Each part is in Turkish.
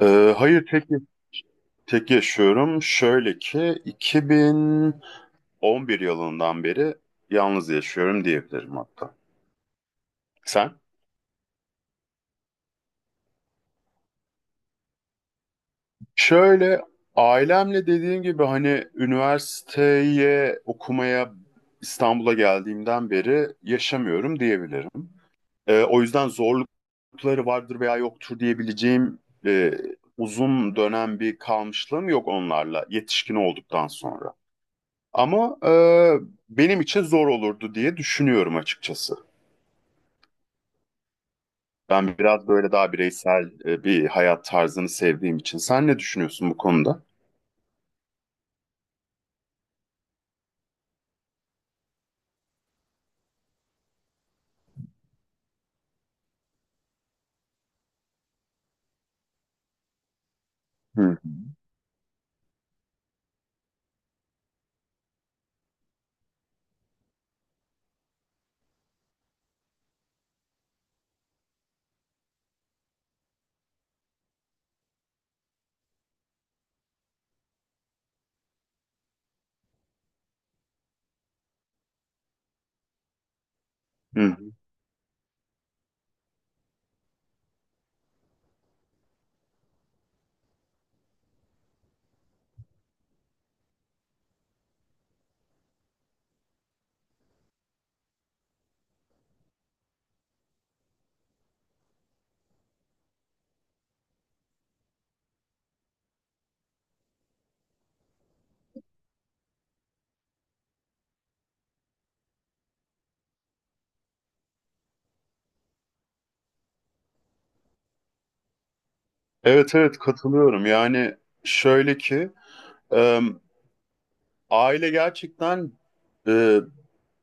Hayır, tek yaşıyorum. Şöyle ki 2011 yılından beri yalnız yaşıyorum diyebilirim hatta. Sen? Şöyle, ailemle dediğim gibi hani üniversiteye okumaya İstanbul'a geldiğimden beri yaşamıyorum diyebilirim. O yüzden zorlukları vardır veya yoktur diyebileceğim, e, uzun dönem bir kalmışlığım yok onlarla yetişkin olduktan sonra. Ama benim için zor olurdu diye düşünüyorum açıkçası. Ben biraz böyle daha bireysel bir hayat tarzını sevdiğim için. Sen ne düşünüyorsun bu konuda? Hı hı. Hı hı. Evet evet, katılıyorum. Yani şöyle ki, e, aile gerçekten e,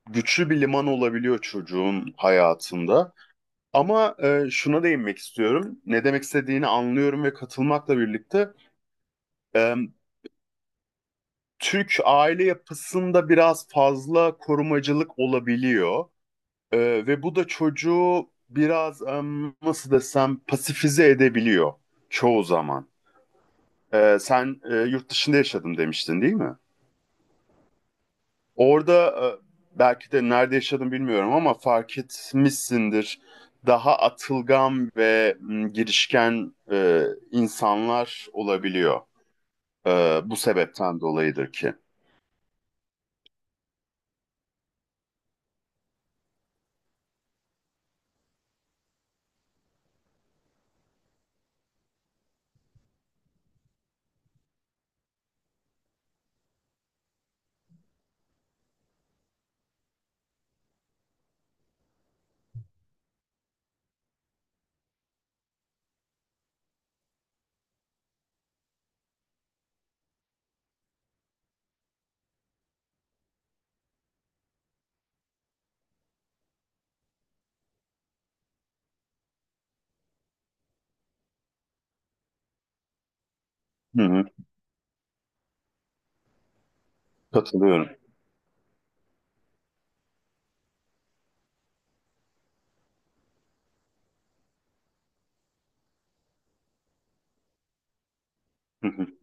güçlü bir liman olabiliyor çocuğun hayatında. Ama şuna değinmek istiyorum. Ne demek istediğini anlıyorum ve katılmakla birlikte Türk aile yapısında biraz fazla korumacılık olabiliyor. Ee, Ve bu da çocuğu biraz nasıl desem pasifize edebiliyor çoğu zaman. Sen yurt dışında yaşadım demiştin değil mi? Orada belki de nerede yaşadım bilmiyorum ama fark etmişsindir. Daha atılgan ve girişken insanlar olabiliyor. Bu sebepten dolayıdır ki. Hı hı, katılıyorum.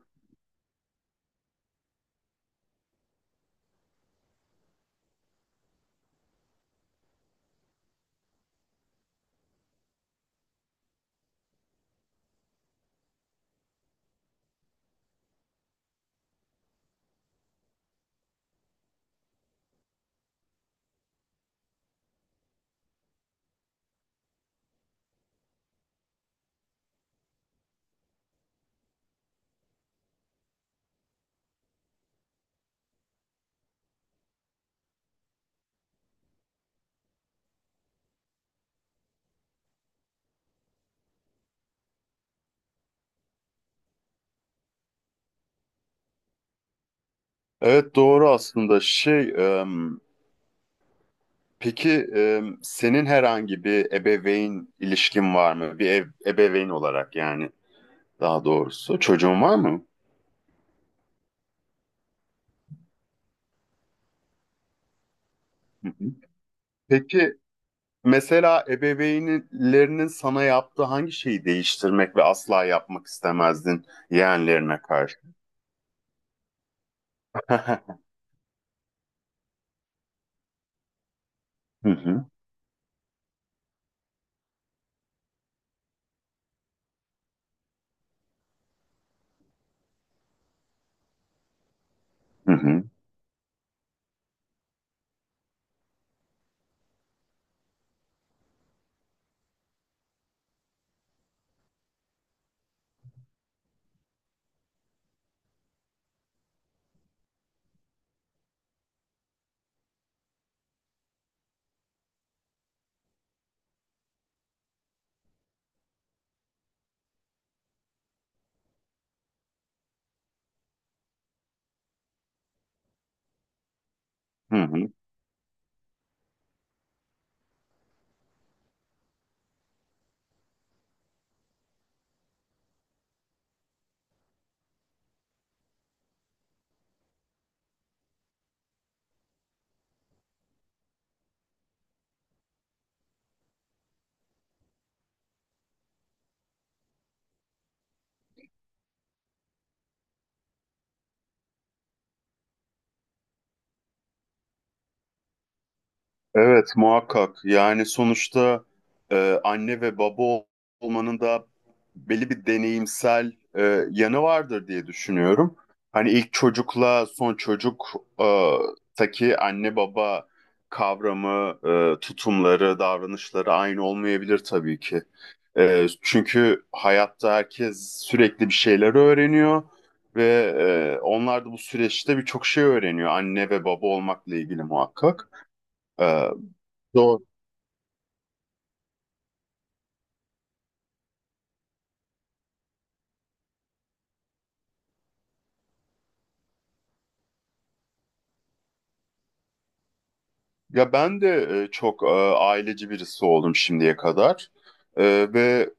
Evet, doğru aslında. Em, peki, senin herhangi bir ebeveyn ilişkin var mı? Bir ev, ebeveyn olarak yani daha doğrusu. Çocuğun var mı? Hı hı. Peki mesela ebeveynlerinin sana yaptığı hangi şeyi değiştirmek ve asla yapmak istemezdin yeğenlerine karşı? Hı hı, hı hı, hı hı. Evet, muhakkak. Yani sonuçta anne ve baba ol- olmanın da belli bir deneyimsel yanı vardır diye düşünüyorum. Hani ilk çocukla son çocuk e, taki anne baba kavramı, tutumları, davranışları aynı olmayabilir tabii ki. Çünkü hayatta herkes sürekli bir şeyler öğreniyor ve onlar da bu süreçte birçok şey öğreniyor anne ve baba olmakla ilgili muhakkak. E, Doğru. Ya ben de çok aileci birisi oldum şimdiye kadar. Ve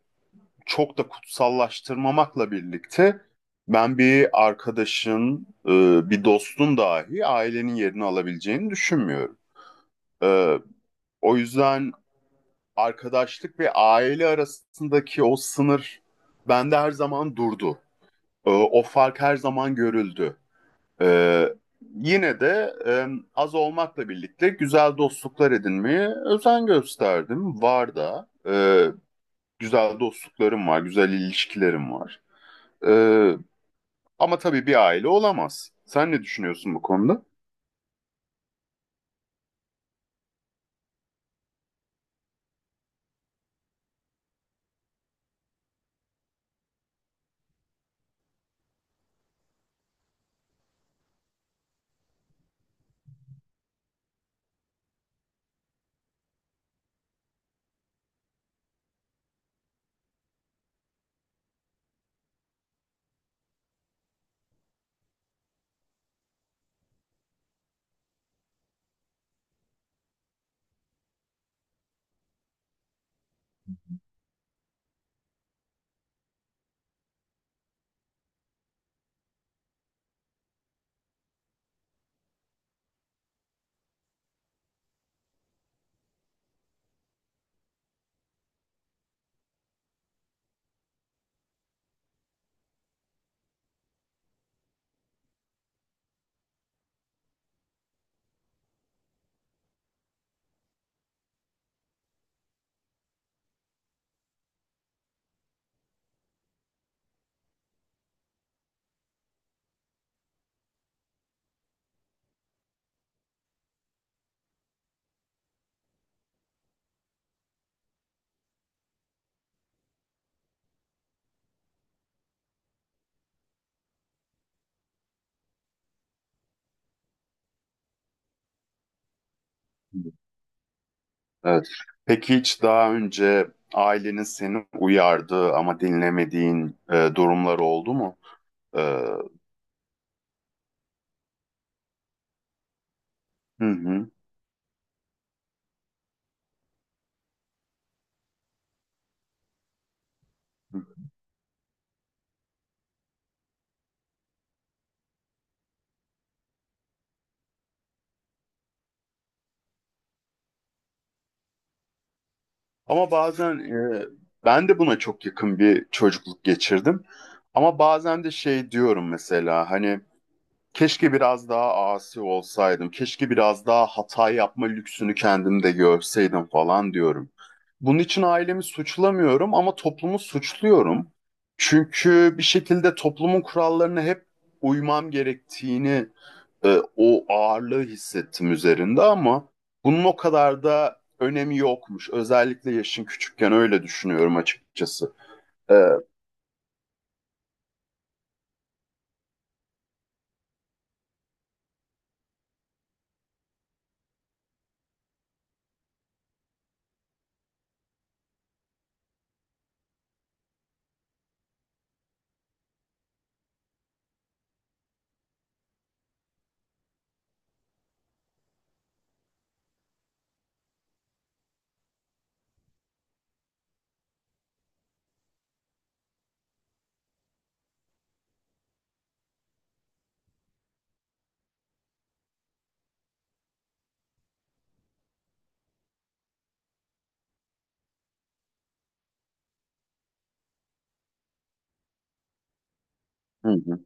çok da kutsallaştırmamakla birlikte ben bir arkadaşın, bir dostun dahi ailenin yerini alabileceğini düşünmüyorum. E, O yüzden arkadaşlık ve aile arasındaki o sınır bende her zaman durdu. O fark her zaman görüldü. Ee, Yine de az olmakla birlikte güzel dostluklar edinmeye özen gösterdim. Var da, güzel dostluklarım var, güzel ilişkilerim var. Ee, Ama tabii bir aile olamaz. Sen ne düşünüyorsun bu konuda? Evet. Peki hiç daha önce ailenin seni uyardığı ama dinlemediğin durumlar oldu mu? Ee, hı hı. Ama bazen ben de buna çok yakın bir çocukluk geçirdim. Ama bazen de şey diyorum mesela, hani keşke biraz daha asi olsaydım, keşke biraz daha hata yapma lüksünü kendimde görseydim falan diyorum. Bunun için ailemi suçlamıyorum ama toplumu suçluyorum. Çünkü bir şekilde toplumun kurallarına hep uymam gerektiğini, o ağırlığı hissettim üzerinde, ama bunun o kadar da önemi yokmuş. Özellikle yaşın küçükken öyle düşünüyorum açıkçası. E, hı hı,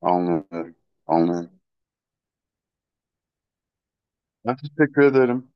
anlıyorum, anlıyorum. Ben teşekkür ederim.